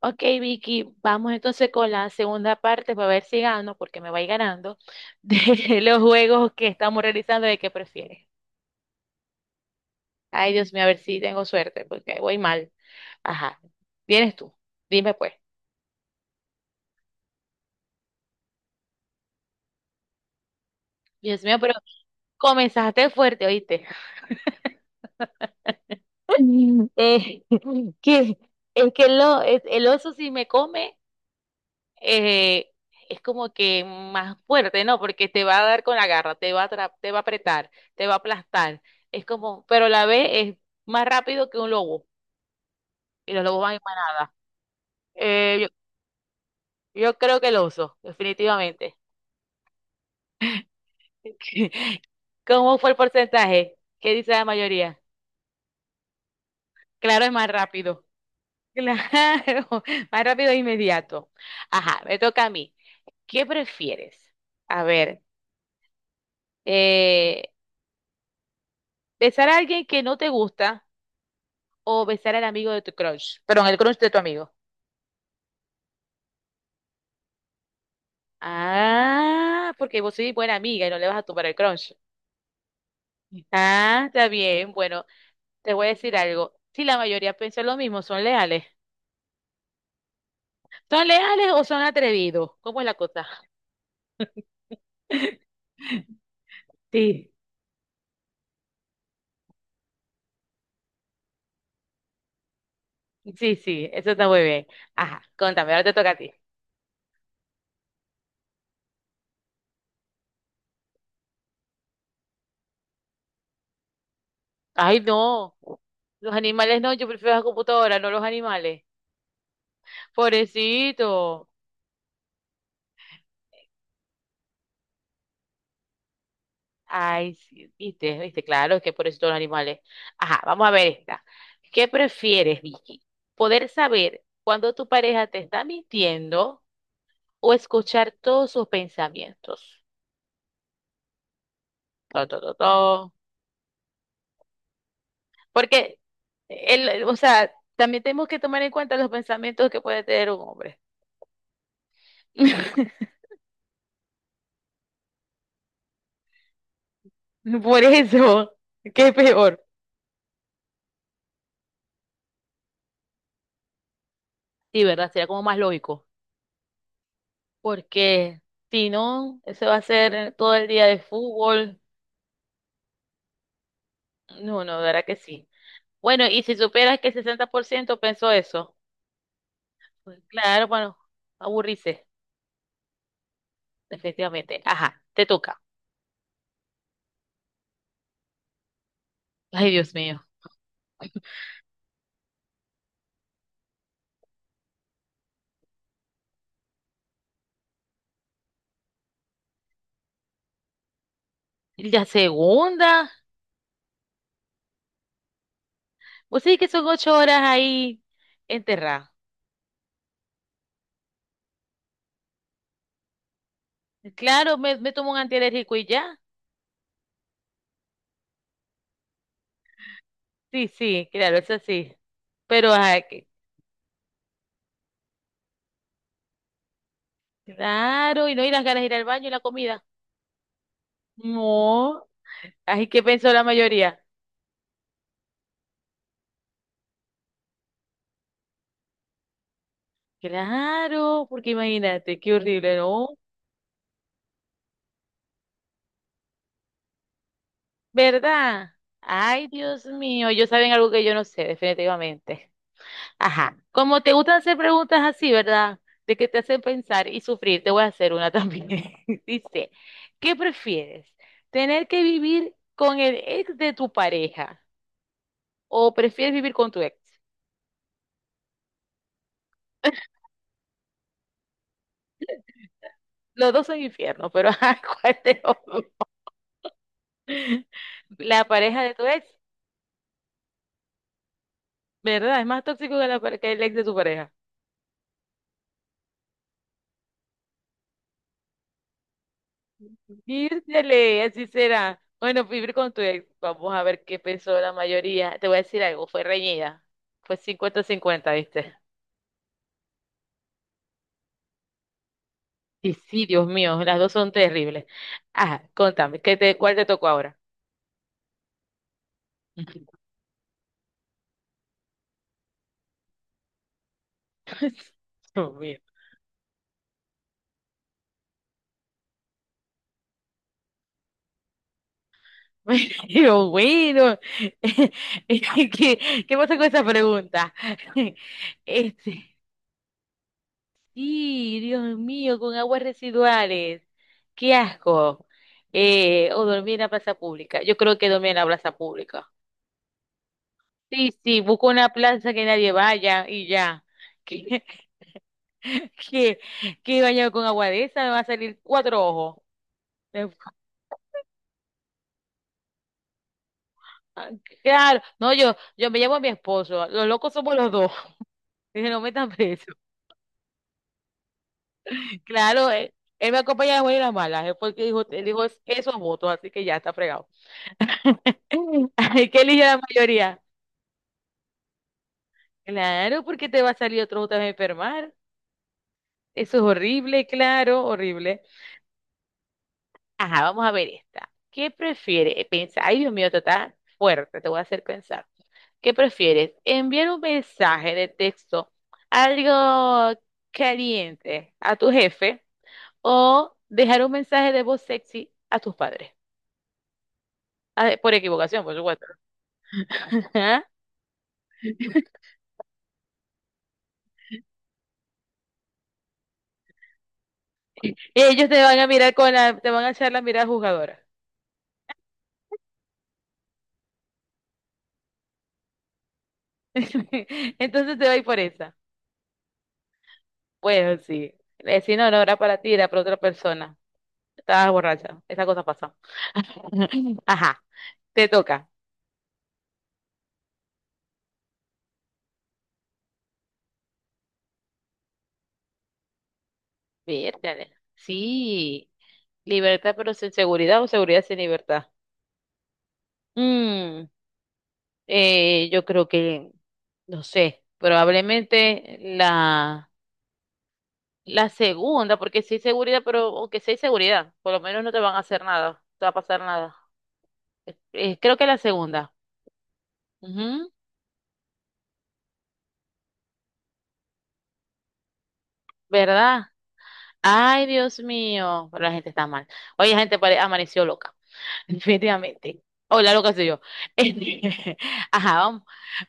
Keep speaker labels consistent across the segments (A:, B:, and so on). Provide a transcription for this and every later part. A: Ok, Vicky, vamos entonces con la segunda parte para ver si gano, porque me voy ganando, de los juegos que estamos realizando de qué prefieres. Ay, Dios mío, a ver si tengo suerte, porque voy mal. Ajá, vienes tú, dime pues. Dios mío, pero comenzaste fuerte, ¿oíste? Eh, que, es que el oso si me come, eh, es como que más fuerte, ¿no? Porque te va a dar con la garra, te va a apretar, te va a aplastar. Es como, pero la B es más rápido que un lobo y los lobos van en manada. Eh, yo, yo creo que el oso, definitivamente. ¿Cómo fue el porcentaje? ¿Qué dice la mayoría? Claro, es más rápido. Claro, más rápido e inmediato. Ajá, me toca a mí. ¿Qué prefieres? A ver, eh, besar a alguien que no te gusta o besar al amigo de tu crush. Perdón, el crush de tu amigo. Ah, porque vos sois buena amiga y no le vas a tumbar el crush. Ah, está bien. Bueno, te voy a decir algo. Si la mayoría piensa lo mismo, ¿son leales? ¿Son leales o son atrevidos? ¿Cómo es la cosa? Sí. Sí, sí, eso está muy bien. Ajá, contame, ahora te toca a ti. Ay, no. Los animales no, yo prefiero la computadora, no los animales. Pobrecito. Ay, sí, viste, viste, claro, es que por eso todos los animales. Ajá, vamos a ver esta. ¿Qué prefieres, Vicky? ¿Poder saber cuando tu pareja te está mintiendo o escuchar todos sus pensamientos? To, to, to, to. Porque, o sea, también tenemos que tomar en cuenta los pensamientos que puede tener un hombre. Por eso, ¿qué es peor? Sí, ¿verdad? Sería como más lógico. Porque si no, eso va a ser todo el día de fútbol. No, no, de verdad que sí. Bueno, y si supieras que el 60% pensó eso, pues claro, bueno, aburrirse, definitivamente. Ajá, te toca. Ay, Dios mío. ¿Y la segunda? Pues sí que son 8 horas ahí enterrada. Claro, me tomo un antialérgico y ya. Sí, sí, claro, eso sí. Pero, ay, claro, y no hay las ganas de ir al baño y la comida. No. Ay, ¿qué pensó la mayoría? Claro, porque imagínate, qué horrible, ¿no? ¿Verdad? Ay, Dios mío, ellos saben algo que yo no sé, definitivamente. Ajá. Como te gustan hacer preguntas así, ¿verdad? De que te hacen pensar y sufrir, te voy a hacer una también. Dice, ¿qué prefieres? ¿Tener que vivir con el ex de tu pareja o prefieres vivir con tu ex? Los dos son infierno, pero ajá, ¿cuál de los dos? La pareja de tu ex, ¿verdad? Es más tóxico que, que el ex de tu pareja. Dísele, así será. Bueno, vivir con tu ex. Vamos a ver qué pensó la mayoría. Te voy a decir algo, fue reñida. Fue 50-50, ¿viste? Y sí, Dios mío, las dos son terribles. Ajá, contame, ¿Cuál te tocó ahora? Dios mío. Pero bueno, ¿qué pasa con esa pregunta? Este, Sí, Dios mío, con aguas residuales. Qué asco. O dormir en la plaza pública. Yo creo que dormir en la plaza pública. Sí, sí, busco una plaza que nadie vaya y ya. Que, que, que bañado con agua de esa me va a salir cuatro ojos. Eh, Claro, no, yo me llamo a mi esposo. Los locos somos los dos. Dije, no metan preso. Claro, él me acompaña a las buenas y las malas. Él fue el que dijo, él dijo esos votos, así que ya está fregado. Ay, ¿qué eligió la mayoría? Claro, porque te va a salir otro otra vez a enfermar. Eso es horrible, claro, horrible. Ajá, vamos a ver esta. ¿Qué prefieres? Ay, Dios mío, esto está fuerte, te voy a hacer pensar. ¿Qué prefieres? ¿Enviar un mensaje de texto algo caliente a tu jefe o dejar un mensaje de voz sexy a tus padres? Ah, por equivocación, por supuesto. Ajá. Ellos te van a mirar con te van a echar la mirada juzgadora. Entonces te voy por esa. Bueno, sí. Si no, no era para ti, era para otra persona. Estabas borracha. Esa cosa pasa. Ajá. Te toca. Vértale. Sí. Libertad pero sin seguridad o seguridad sin libertad. Mm, yo creo que, no sé, probablemente la segunda, porque sí hay seguridad, pero aunque sí hay seguridad, por lo menos no te van a hacer nada, no te va a pasar nada. Creo que la segunda. Ujú. ¿Verdad? Ay, Dios mío, pero la gente está mal. Oye, la gente amaneció loca, definitivamente. O la loca soy yo. Este, Ajá, vamos,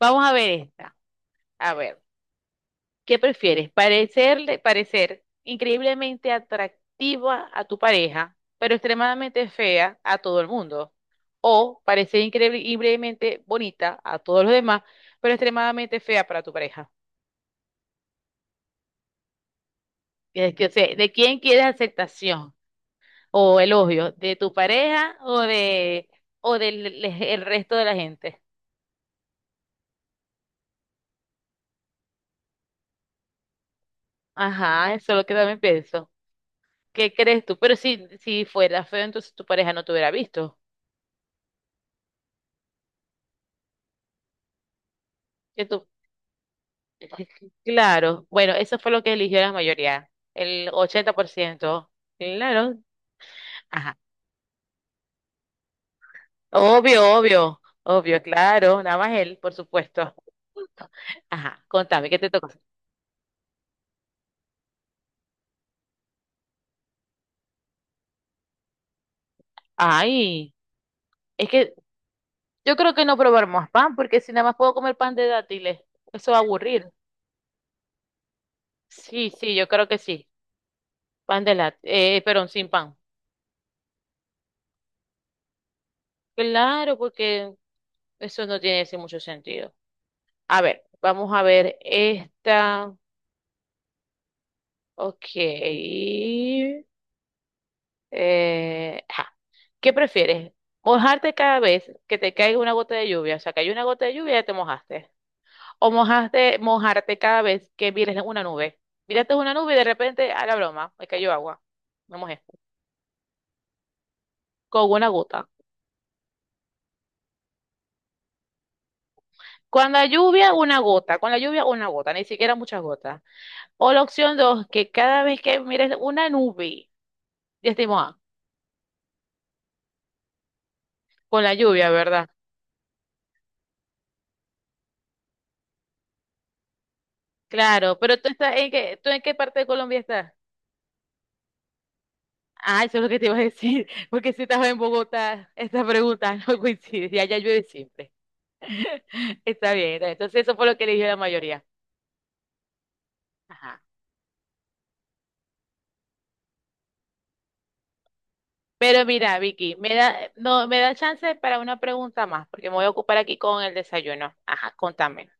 A: vamos a ver esta. A ver, ¿qué prefieres? Parecer increíblemente atractiva a tu pareja, pero extremadamente fea a todo el mundo. O parecer increíblemente bonita a todos los demás, pero extremadamente fea para tu pareja. Es que, o sea, ¿de quién quieres aceptación o elogio? ¿De tu pareja o de o del el resto de la gente? Ajá, eso es lo que también pienso. ¿Qué crees tú? Pero si fuera feo, entonces tu pareja no te hubiera visto. Que tú- Claro, bueno, eso fue lo que eligió la mayoría, el 80%. Claro, ajá. Obvio, obvio, obvio, claro, nada más él, por supuesto. Ajá, contame, ¿qué te tocó? Ay, es que yo creo que no probar más pan, porque si nada más puedo comer pan de dátiles, eso va a aburrir. Sí, sí, yo creo que sí. Pan de dátiles, perdón, sin pan. Claro, porque eso no tiene así mucho sentido. A ver, vamos a ver esta. Ok. Ajá. ¿Qué prefieres? ¿Mojarte cada vez que te caiga una gota de lluvia? O sea, cayó una gota de lluvia y ya te mojaste. O mojaste mojarte cada vez que mires una nube. Miraste una nube y de repente, a la broma, me cayó agua. Me mojé. Con una gota. Con la lluvia, una gota. Con la lluvia, una gota. Ni siquiera muchas gotas. O la opción dos, que cada vez que mires una nube, ya estoy mojada. Con la lluvia, ¿verdad? Claro, pero ¿tú en qué parte de Colombia estás? Ah, eso es lo que te iba a decir, porque si estás en Bogotá, esta pregunta no coincide, y allá llueve siempre. Está bien, está bien. Entonces eso fue lo que eligió la mayoría. Ajá. Pero mira, Vicky, me da, no, me da chance para una pregunta más, porque me voy a ocupar aquí con el desayuno. Ajá, contame.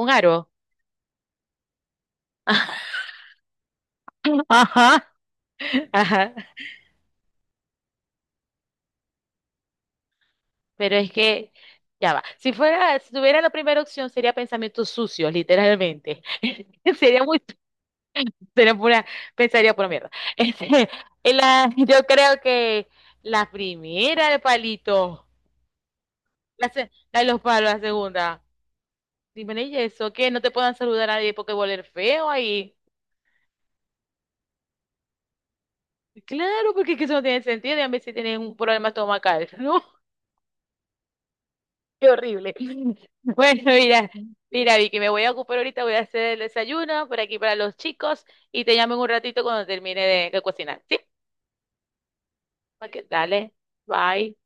A: ¿Un aro? Ajá. Ajá. Pero es que, ya va. Si tuviera la primera opción, sería pensamientos sucios, literalmente. Sería muy, sería pura, pensaría pura mierda. Este, yo creo que la primera de palito, la de los palos, la segunda. Dime eso, que no te puedan saludar a nadie porque voler feo ahí. Claro, porque es que eso no tiene sentido, dígame si tienen un problema estomacal, ¿no? Qué horrible. Bueno, mira, mira, Vicky, me voy a ocupar ahorita, voy a hacer el desayuno por aquí para los chicos y te llamo en un ratito cuando termine de cocinar, ¿sí? Ok, dale, bye.